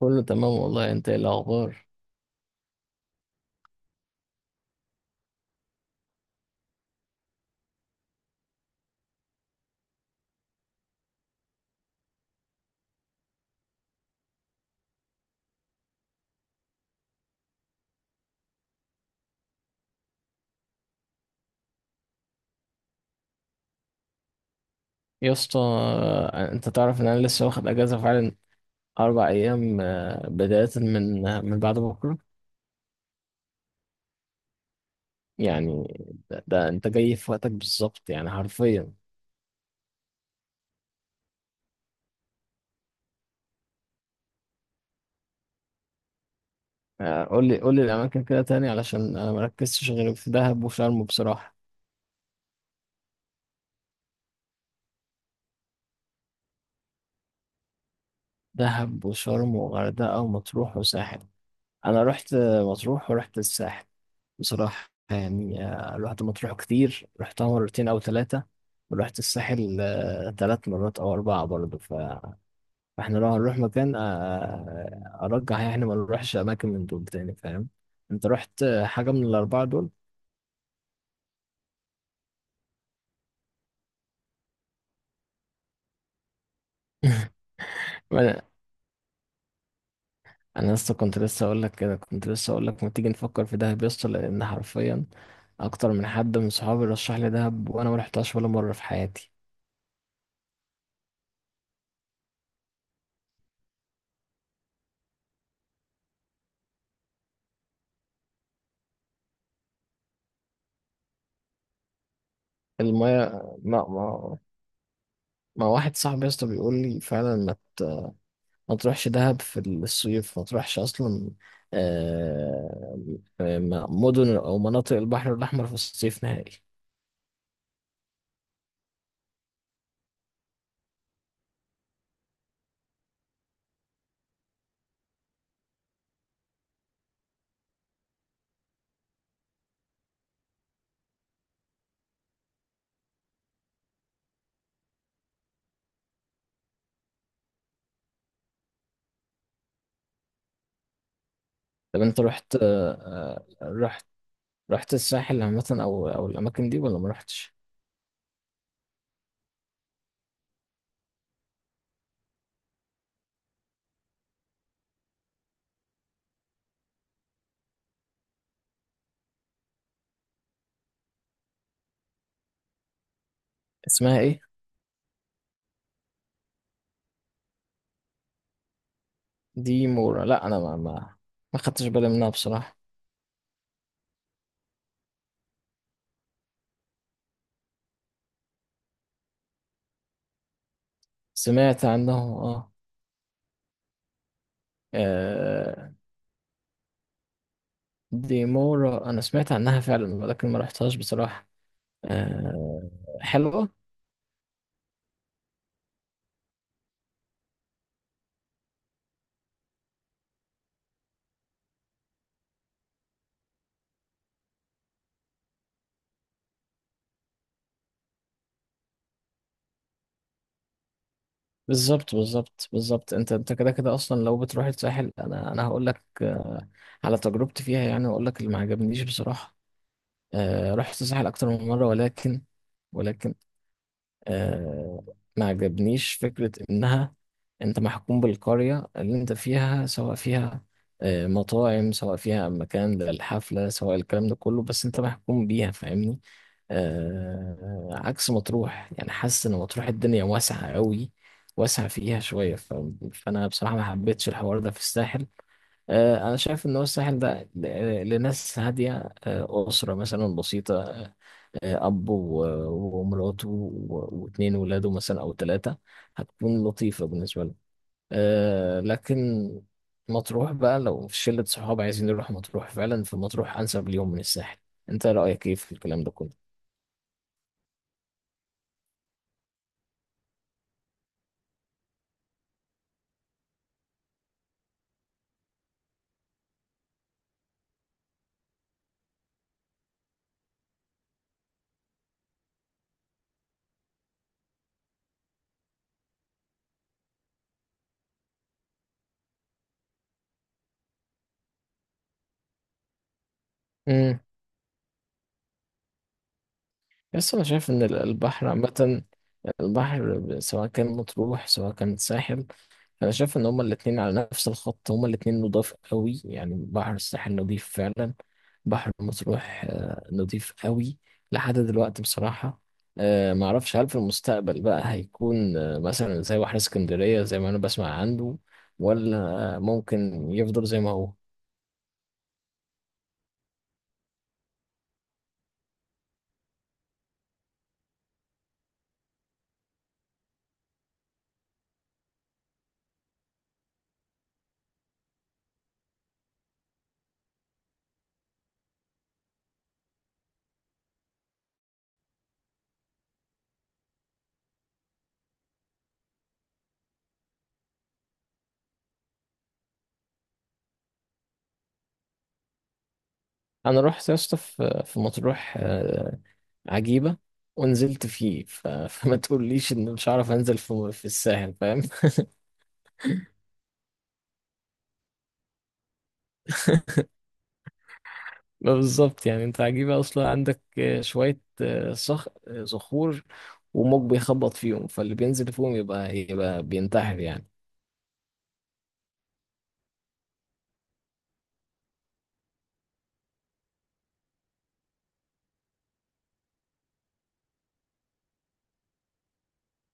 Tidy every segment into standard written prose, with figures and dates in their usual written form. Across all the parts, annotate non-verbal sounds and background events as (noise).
كله تمام والله، انت ايه الاخبار؟ يا اسطى، انت تعرف ان انا لسه واخد اجازه فعلا. 4 ايام، بدايه من من بعد بكره. يعني ده انت جاي في وقتك بالظبط، يعني حرفيا. قول لي قول لي الاماكن كده تاني، علشان انا مركزتش غير في دهب وشرم بصراحه. دهب وشرم وغردقه ومطروح وساحل. انا رحت مطروح ورحت الساحل. بصراحة يعني الواحد مطروح كتير، رحتها مرتين أو ثلاثة. ورحت الساحل ثلاث مرات أو أربعة برضه فإحنا لو هنروح مكان، أرجح يعني ما نروحش أماكن من دول تاني، فاهم؟ أنت رحت حاجة من الأربعة دول؟ وأنا لسه كنت لسه أقول لك كده، كنت لسه أقول لك ما تيجي نفكر في دهب يسطا، لأن حرفيا أكتر من حد من صحابي رشح لي دهب، وأنا ما رحتهاش ولا مرة في حياتي. المية ما واحد صاحبي يسطا بيقول لي فعلا ما تروحش دهب في الصيف، ما تروحش اصلا. آه، مدن او مناطق البحر الاحمر في الصيف نهائي. طب انت رحت آه، رحت رحت الساحل عامه، او الاماكن دي ولا ما رحتش؟ اسمها ايه؟ دي مورا، لا انا ما خدتش بالي منها بصراحه. سمعت عنه، اه. آه، دي مورا انا سمعت عنها فعلا، ولكن ما رحتهاش بصراحه. آه، حلوه. بالظبط بالظبط بالظبط، انت كده كده اصلا لو بتروح الساحل، انا هقول لك على تجربتي فيها يعني، واقول لك اللي ما عجبنيش بصراحه. رحت الساحل اكتر من مره، ولكن آه، ما عجبنيش فكرة إنها أنت محكوم بالقرية اللي أنت فيها، سواء فيها مطاعم، سواء فيها مكان للحفلة، سواء الكلام ده كله، بس أنت محكوم بيها، فاهمني؟ عكس مطروح، يعني حاسس إن مطروح الدنيا واسعة قوي، واسعة فيها شوية فأنا بصراحة ما حبيتش الحوار ده في الساحل. أنا شايف إن هو الساحل ده لناس هادية، أسرة مثلا بسيطة، أب ومراته واتنين ولاده مثلا أو تلاتة، هتكون لطيفة بالنسبة لهم. لكن مطروح بقى، لو في شلة صحاب عايزين يروحوا مطروح فعلا، فمطروح أنسب ليهم من الساحل. أنت رأيك إيه في الكلام ده كله؟ امم. بس أنا شايف إن البحر عامة، البحر سواء كان مطروح سواء كان ساحل، انا شايف ان هما الاتنين على نفس الخط، هما الاتنين نضاف قوي، يعني بحر الساحل نضيف فعلا، بحر مطروح نضيف قوي. لحد دلوقتي بصراحة معرفش هل في المستقبل بقى هيكون مثلا زي بحر اسكندرية زي ما انا بسمع عنه، ولا ممكن يفضل زي ما هو. انا رحت يا اسطى في مطروح عجيبة، ونزلت فيه (laughs) فما تقوليش ان مش هعرف انزل في الساحل، فاهم؟ (laughs) ما بالظبط يعني، انت عجيبة اصلا عندك شوية آه، صخ آه، صخور وموج بيخبط فيهم، فاللي بينزل فيهم يبقى بينتحر يعني.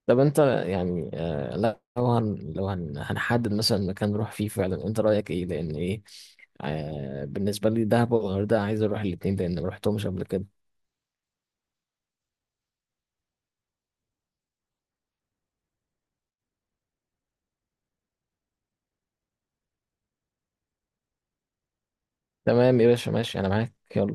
طب انت يعني لا، لو هنحدد مثلا مكان نروح فيه فعلا، انت رأيك ايه، لان ايه، بالنسبة لي دهب والغردقة عايز اروح الاتنين، لان ما رحتهمش قبل كده. تمام يا باشا، ماشي انا معاك، يلا.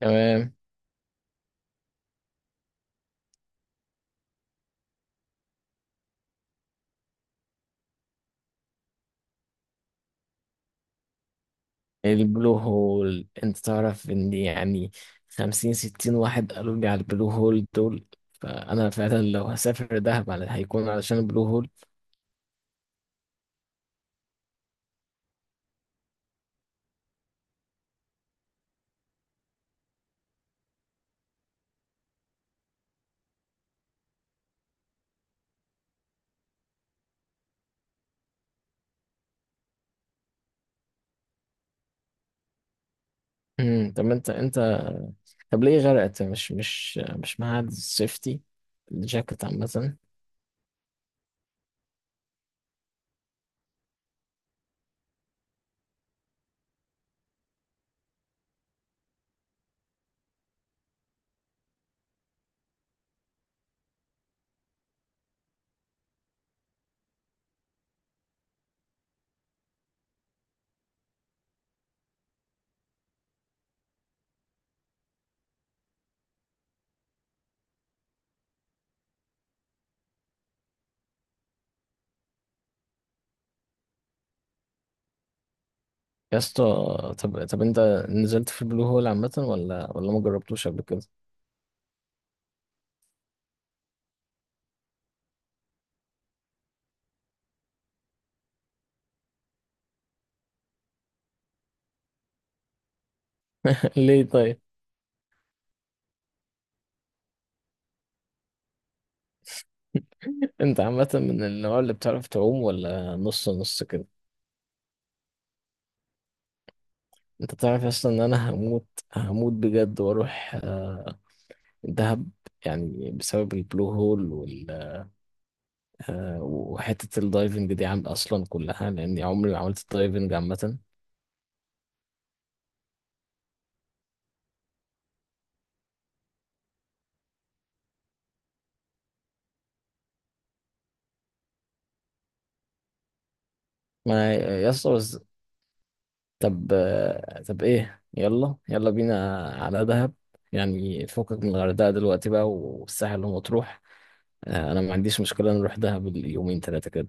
تمام. البلو هول، انت تعرف ان يعني 50-60 واحد قالوا لي على البلو هول دول، فانا فعلا لو هسافر دهب هيكون علشان البلو هول. مم، طب انت انت طب ليه غرقت، مش معاك السيفتي الجاكيت عامة؟ يا اسطى، طب انت نزلت في البلو هول عامة، ولا ما جربتوش قبل كده؟ (laughs) ليه طيب؟ انت عامة من النوع اللي بتعرف تعوم، ولا نص نص كده؟ انت تعرف اصلا ان انا هموت، هموت بجد واروح دهب. يعني بسبب البلو هول وحتة الدايفنج دي عم أصلا كلها، لأني عمري ما عملت الدايفنج عامة. ما يسطا بس، طب إيه، يلا يلا بينا على دهب. يعني فكك من الغردقة دلوقتي بقى والساحل ومطروح، أنا ما عنديش مشكلة نروح دهب اليومين تلاتة كده.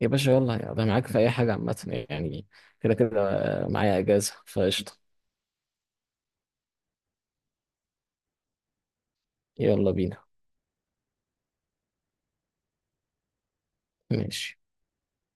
يا باشا يلا أنا معاك في أي حاجة عامة يعني، كده كده معايا إجازة فقشطة. يلا بينا. ماشي.